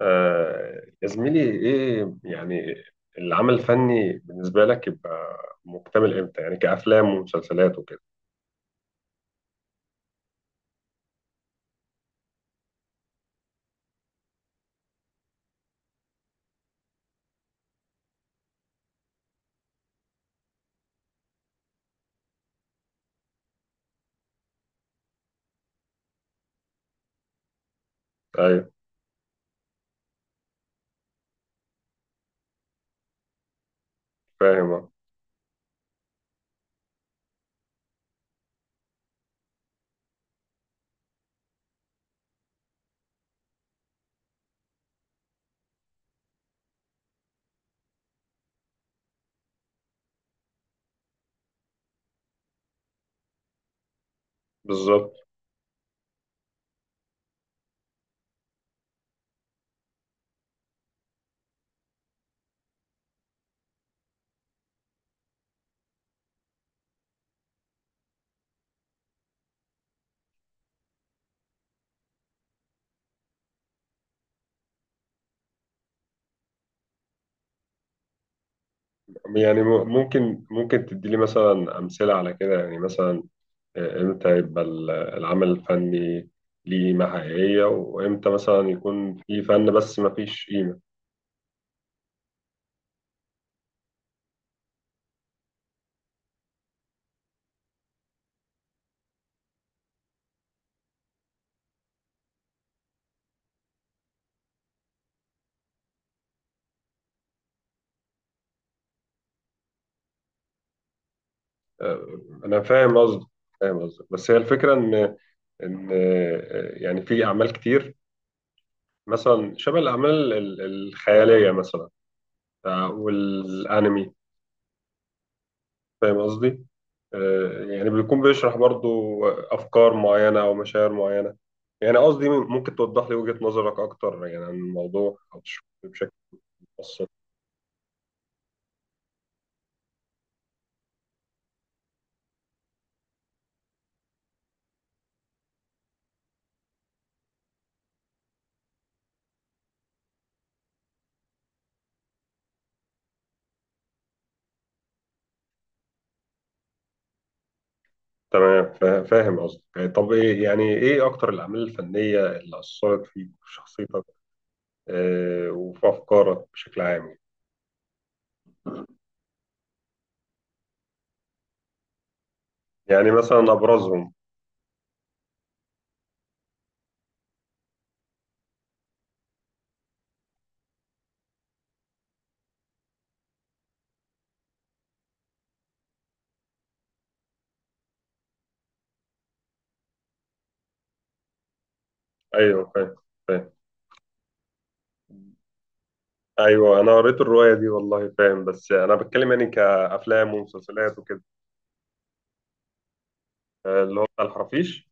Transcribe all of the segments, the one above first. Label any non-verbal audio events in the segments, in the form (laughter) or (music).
يا زميلي ايه يعني العمل الفني بالنسبة لك يبقى مكتمل امتى؟ يعني كأفلام ومسلسلات وكده. ايوه فاهم. بالظبط. يعني ممكن تدي لي مثلا أمثلة على كده؟ يعني مثلا، امتى يبقى العمل الفني ليه قيمة حقيقية، وامتى مثلا يكون في فن بس ما فيش قيمة؟ آه، انا فاهم قصدك، فاهم قصدك، بس هي الفكرة ان ، يعني في اعمال كتير مثلا شبه الأعمال الخيالية، مثلا، والأنمي. فاهم قصدي؟ يعني بيكون بيشرح برضو أفكار معينة أو مشاعر معينة. يعني قصدي ممكن توضح لي وجهة نظرك أكتر يعني عن الموضوع، أو تشرح لي بشكل مفصل؟ تمام، فاهم قصدي. طب إيه يعني، إيه أكتر الأعمال الفنية اللي أثرت فيك وفي شخصيتك، وفي أفكارك بشكل عام؟ يعني مثلا أبرزهم. أيوه فاهم، فاهم. ايوه انا قريت الروايه دي والله، فاهم، بس انا بتكلم يعني كافلام ومسلسلات وكده. اللي هو بتاع الحرافيش.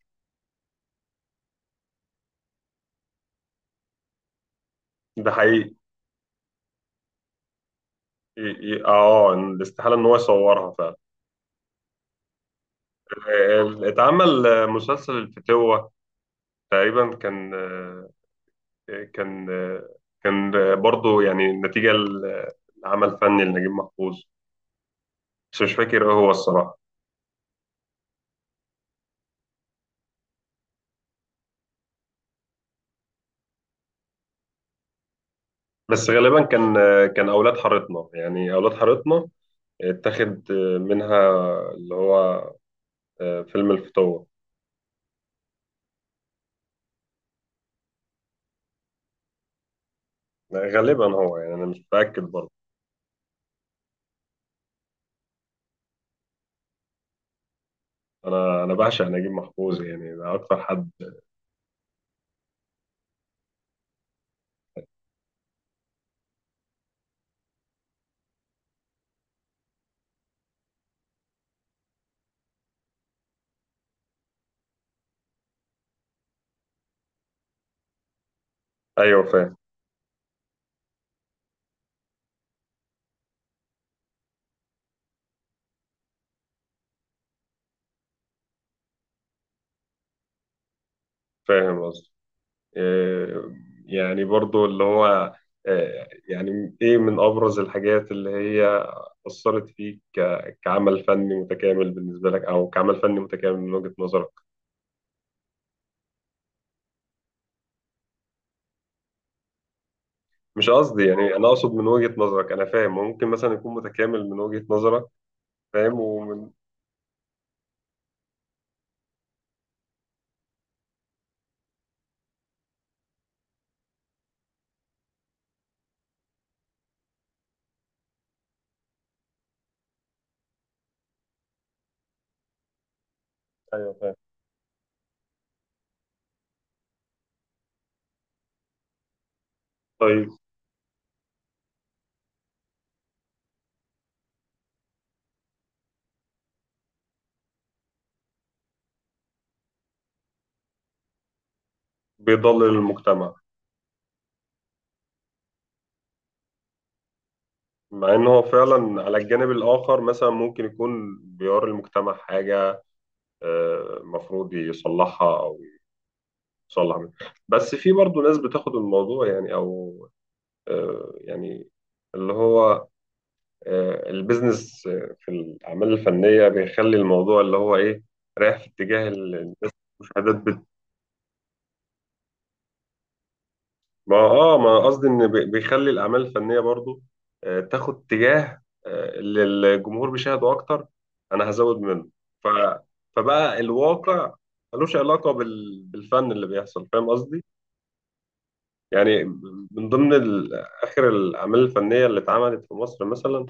ده حقيقي. الاستحاله ان هو يصورها فعلا. اتعمل مسلسل الفتوه تقريبا، كان، كان، كان، برضه يعني نتيجه لعمل فني لنجيب محفوظ، بس مش فاكر ايه هو الصراحه. بس غالبا كان، كان اولاد حارتنا، يعني اولاد حارتنا اتاخد منها اللي هو، فيلم الفتوه. غالبا، هو يعني انا مش متاكد برضه. انا بعشق نجيب محفوظ، يعني ده اكتر حد. ايوه فاهم، فاهم قصدي. إيه، يعني برضه اللي هو إيه، يعني ايه من ابرز الحاجات اللي هي اثرت فيك كعمل فني متكامل بالنسبه لك، او كعمل فني متكامل من وجهه نظرك؟ مش قصدي يعني، انا اقصد من وجهه نظرك، انا فاهم ممكن مثلا يكون متكامل من وجهه نظرك. فاهم، ومن. ايوه فاهم. طيب. بيضلل المجتمع. مع ان هو فعلا على الجانب الاخر مثلا ممكن يكون بيوري المجتمع حاجه، مفروض يصلحها او يصلح منها. بس في برضه ناس بتاخد الموضوع يعني، او، يعني اللي هو، البيزنس، في الاعمال الفنيه بيخلي الموضوع اللي هو ايه، رايح في اتجاه المشاهدات. ما اه، ما قصدي ان بيخلي الاعمال الفنيه برضو، تاخد اتجاه، اللي الجمهور بيشاهده اكتر، انا هزود منه. ف فبقى الواقع ملوش علاقه بال... بالفن اللي بيحصل، فاهم قصدي؟ يعني من ضمن ال... اخر الاعمال الفنيه اللي اتعملت في مصر مثلا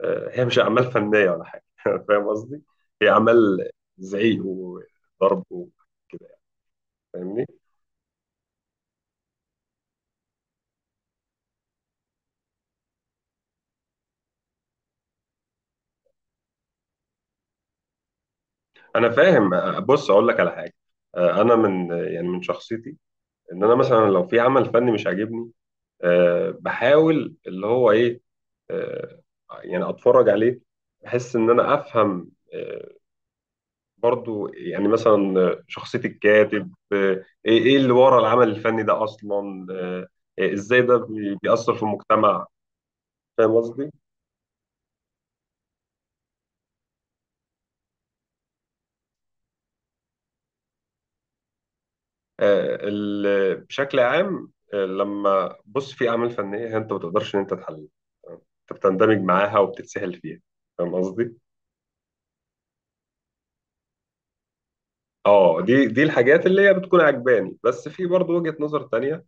آه، هي مش اعمال فنيه ولا حاجه (laughs) فاهم قصدي. هي اعمال زعيق وضرب وكده، يعني، فاهمني؟ انا فاهم، بص اقول لك على حاجه، انا من يعني من شخصيتي ان انا مثلا لو في عمل فني مش عاجبني، أه بحاول اللي هو ايه، أه يعني اتفرج عليه، بحس ان انا افهم أه برضو يعني مثلا، شخصية الكاتب أه، ايه إيه اللي ورا العمل الفني ده اصلا أه، ازاي ده بيأثر في المجتمع. فاهم قصدي؟ أه، بشكل عام، لما بص في اعمال فنية انت ما تقدرش ان انت تحللها، انت بتندمج معاها وبتتسهل فيها. فاهم قصدي؟ اه دي الحاجات اللي هي بتكون عجباني. بس في برضو وجهة نظر تانية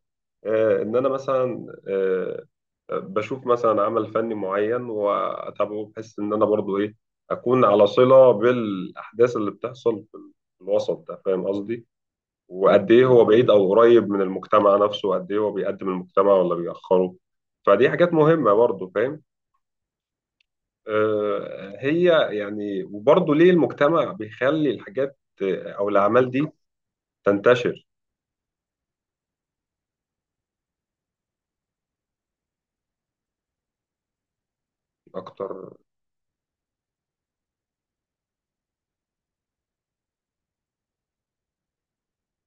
آه، ان انا مثلا، بشوف مثلا عمل فني معين واتابعه، بحس ان انا برضو ايه، اكون على صلة بالاحداث اللي بتحصل في الوسط ده. فاهم قصدي؟ وقد ايه هو بعيد او قريب من المجتمع نفسه، وقد ايه هو بيقدم المجتمع ولا بيأخره. فدي حاجات مهمة برضو، فاهم؟ هي يعني، وبرضو ليه المجتمع بيخلي الحاجات، او الاعمال دي تنتشر. اكتر،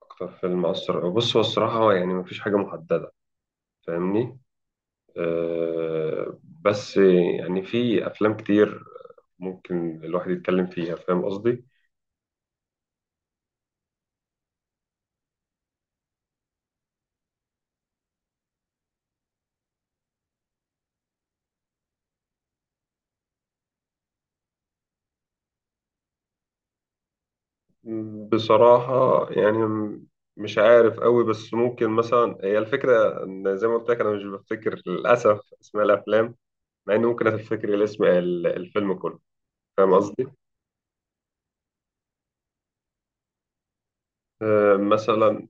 اكتر فيلم اثر، بص هو الصراحه هو يعني مفيش حاجه محدده، فاهمني؟ أه بس يعني في افلام كتير ممكن الواحد يتكلم فيها، فاهم قصدي. بصراحه يعني مش عارف قوي، بس ممكن مثلا هي الفكره ان زي ما قلت لك انا مش بفتكر للاسف اسماء الافلام، مع اني ممكن افتكر الاسم الفيلم كله. فاهم قصدي؟ أه مثلا،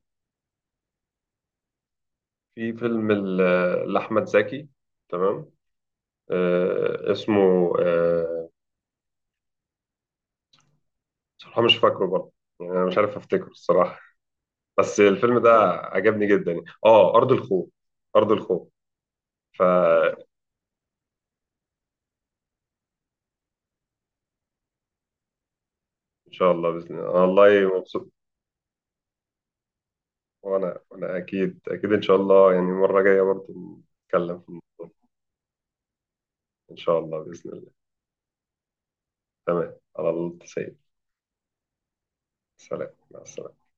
في فيلم لاحمد زكي، تمام، اسمه آه، بصراحة مش فاكره برضه، يعني أنا مش عارف أفتكره الصراحة. بس الفيلم ده عجبني جدا يعني، آه، أرض الخوف. أرض الخوف. فإن شاء الله بإذن الله، أنا والله مبسوط. وأنا، وأنا أكيد أكيد إن شاء الله، يعني المرة الجاية برضه نتكلم في الموضوع. إن شاء الله بإذن الله. تمام على الله سيد. سلام، مع السلامة.